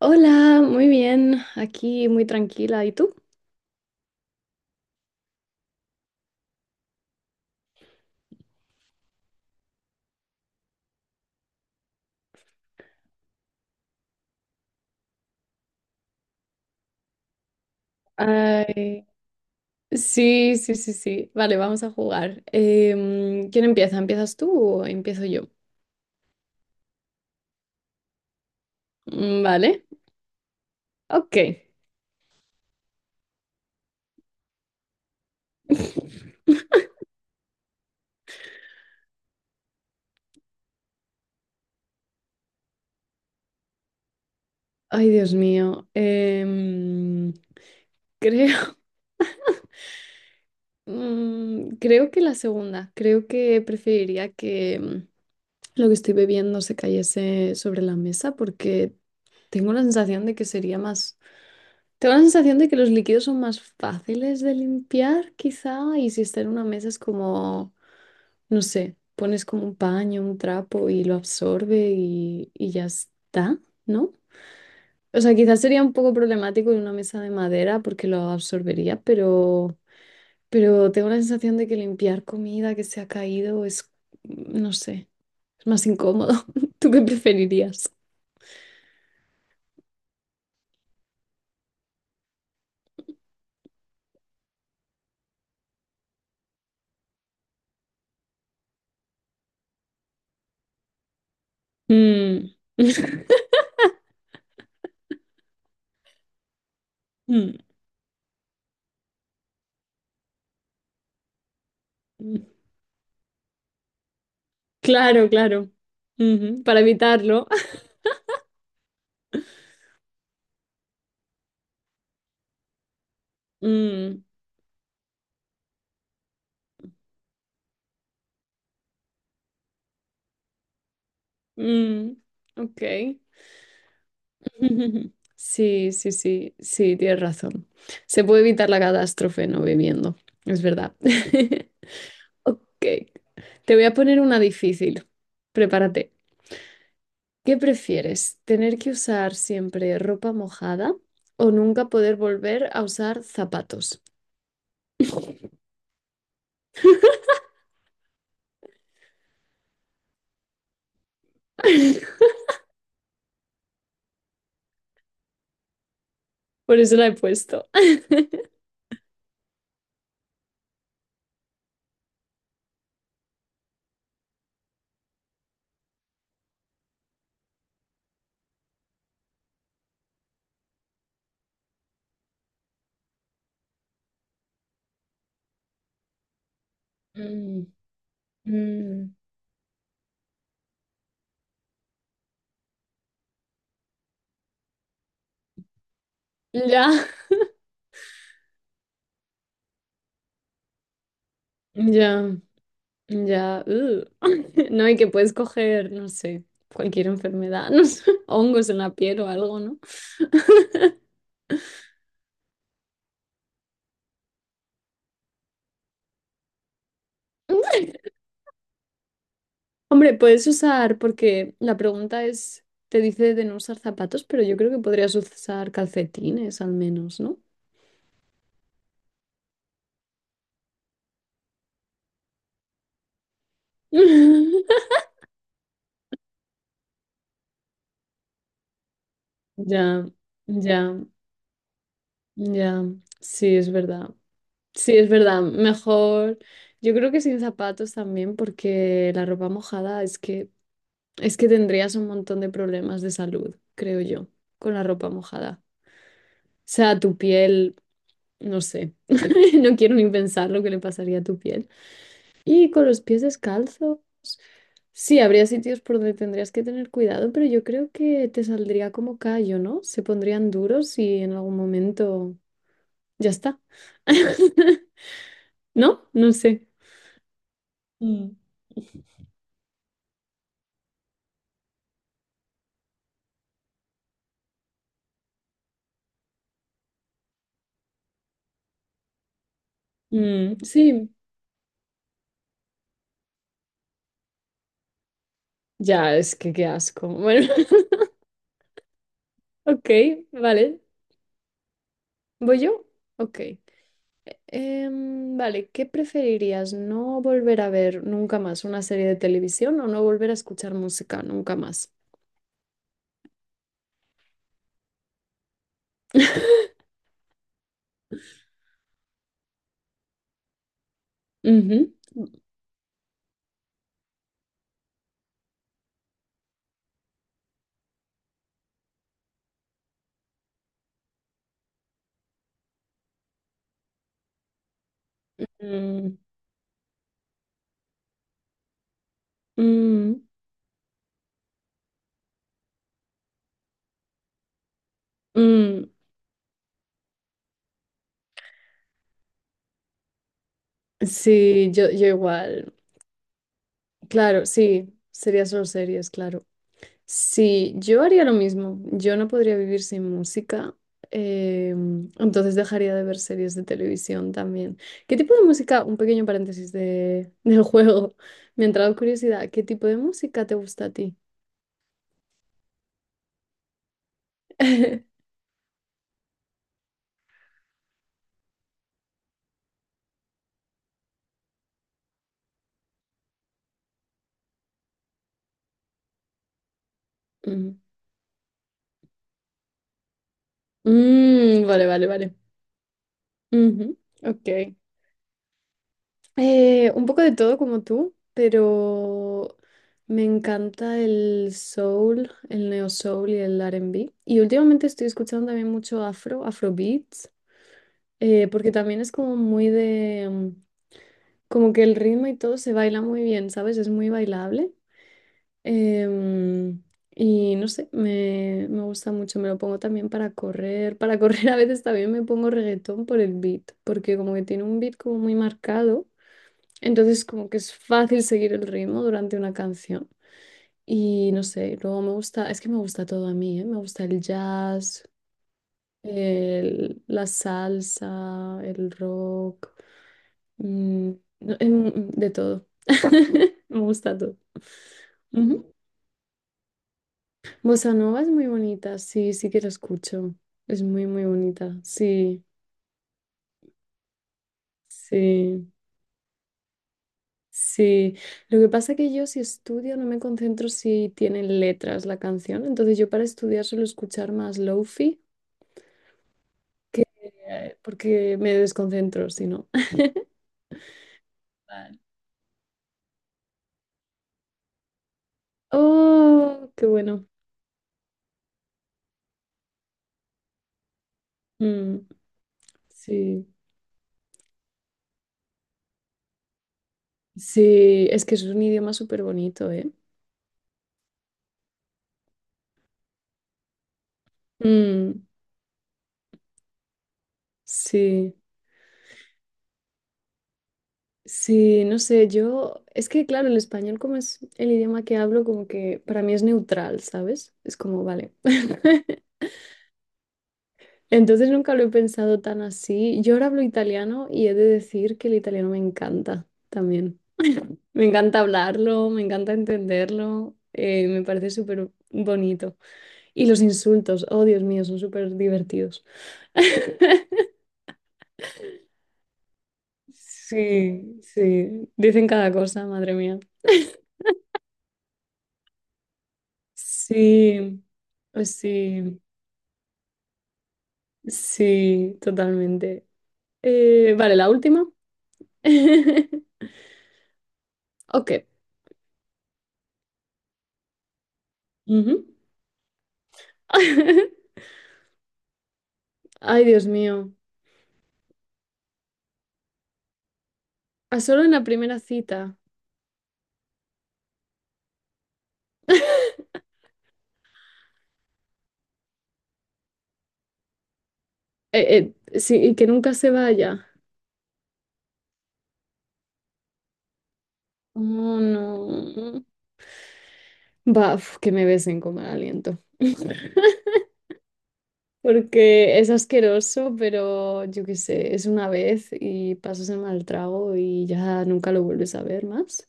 Hola, muy bien, aquí muy tranquila. ¿Y tú? Ay, sí, sí, sí, sí. Vale, vamos a jugar. ¿Quién empieza? ¿Empiezas tú o empiezo yo? Mm, vale, ok. Ay, Dios mío. Creo, mm, creo que la segunda. Creo que preferiría que lo que estoy bebiendo se cayese sobre la mesa porque tengo la sensación de que sería más Tengo la sensación de que los líquidos son más fáciles de limpiar, quizá, y si está en una mesa es como, no sé, pones como un paño, un trapo y lo absorbe y ya está, ¿no? O sea, quizás sería un poco problemático en una mesa de madera porque lo absorbería, pero tengo la sensación de que limpiar comida que se ha caído es, no sé, es más incómodo. ¿Tú qué preferirías? Mm. Mm. Claro, claro. Ujú, para evitarlo. Mm, mm, ok. Sí, sí, sí, sí, tienes razón. Se puede evitar la catástrofe no bebiendo, es verdad. Ok, te voy a poner una difícil. Prepárate. ¿Qué prefieres? ¿Tener que usar siempre ropa mojada o nunca poder volver a usar zapatos? Por eso la he puesto. Mm, mm. Ya, ya. Ya. No, y que puedes coger, no sé, cualquier enfermedad, no sé, hongos en la piel o algo, ¿no? Hombre, puedes usar, porque la pregunta es, te dice de no usar zapatos, pero yo creo que podrías usar calcetines al menos, ¿no? Ya, ya, ya, sí, es verdad. Sí, es verdad, mejor. Yo creo que sin zapatos también, porque la ropa mojada es que es que tendrías un montón de problemas de salud, creo yo, con la ropa mojada. O sea, tu piel, no sé, no quiero ni pensar lo que le pasaría a tu piel. Y con los pies descalzo, sí, habría sitios por donde tendrías que tener cuidado, pero yo creo que te saldría como callo, ¿no? Se pondrían duros y en algún momento ya está. ¿No? No sé. Mm. Mm, sí, ya, es que qué asco. Bueno, ok, vale. ¿Voy yo? Ok. Vale, ¿qué preferirías? ¿No volver a ver nunca más una serie de televisión o no volver a escuchar música nunca más? Ujú. Mm, mm, mm. Sí, yo igual. Claro, sí, sería solo series, claro. Sí, yo haría lo mismo. Yo no podría vivir sin música, entonces dejaría de ver series de televisión también. ¿Qué tipo de música? Un pequeño paréntesis del juego. Me ha entrado curiosidad. ¿Qué tipo de música te gusta a ti? Ujú. Mm, vale, vale, vale. Ujú, ok. Un poco de todo como tú, pero me encanta el soul, el neo soul y el R&B. Y últimamente estoy escuchando también mucho afrobeat. Eh, porque también es como muy mm, como que el ritmo y todo se baila muy bien, ¿sabes? Es muy bailable. Em, y no sé, me gusta mucho, me lo pongo también para correr. Para correr a veces también me pongo reggaetón por el beat, porque como que tiene un beat como muy marcado, entonces como que es fácil seguir el ritmo durante una canción. Y no sé, luego me gusta, es que me gusta todo a mí, ¿eh? Me gusta el jazz, la salsa, el rock. Mm, no, de todo. Me gusta todo. Ujú. Bossa Nova es muy bonita, sí, sí que la escucho. Es muy, muy bonita, sí, sí, sí. Lo que pasa que yo si estudio no me concentro si tienen letras la canción, entonces yo para estudiar suelo escuchar más lofi porque me desconcentro, si no. Vale. Oh, qué bueno. Mm, sí, sí, es que es un idioma súper bonito, ¿eh? Mm. Sí, sí, no sé, yo, es que claro, el español como es el idioma que hablo, como que para mí es neutral, ¿sabes? Es como, vale. Entonces nunca lo he pensado tan así. Yo ahora hablo italiano y he de decir que el italiano me encanta también. Me encanta hablarlo, me encanta entenderlo, me parece súper bonito. Y los insultos, oh Dios mío, son súper divertidos. Sí, sí, dicen cada cosa, madre mía. Sí, pues sí, sí, totalmente. Vale, la última. Ok. Ujú. Ay, Dios mío. A solo en la primera cita. Sí, y que nunca se vaya. Oh, no. Va, uf, que me besen con mal aliento. Porque es asqueroso, pero yo qué sé, es una vez y pasas el mal trago y ya nunca lo vuelves a ver más.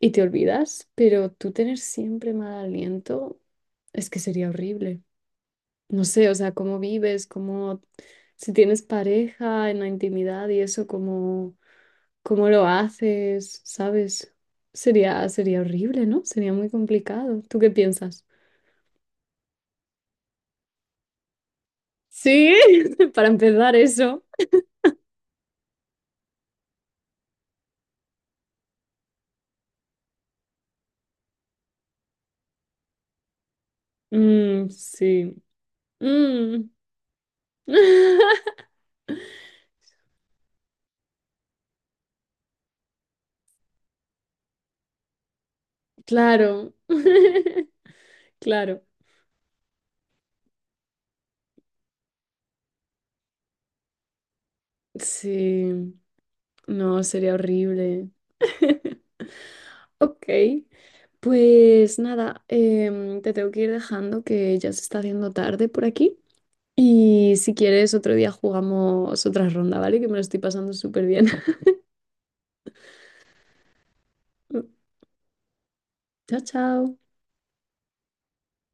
Y te olvidas, pero tú tener siempre mal aliento es que sería horrible. No sé, o sea, cómo vives, cómo, si tienes pareja en la intimidad y eso, cómo, cómo lo haces, ¿sabes? Sería, sería horrible, ¿no? Sería muy complicado. ¿Tú qué piensas? Sí, para empezar eso. Mm, sí. Mm. Claro, claro. Sí, no, sería horrible. Ok. Pues nada, te tengo que ir dejando que ya se está haciendo tarde por aquí. Y si quieres, otro día jugamos otra ronda, ¿vale? Que me lo estoy pasando súper bien. Chao, chao.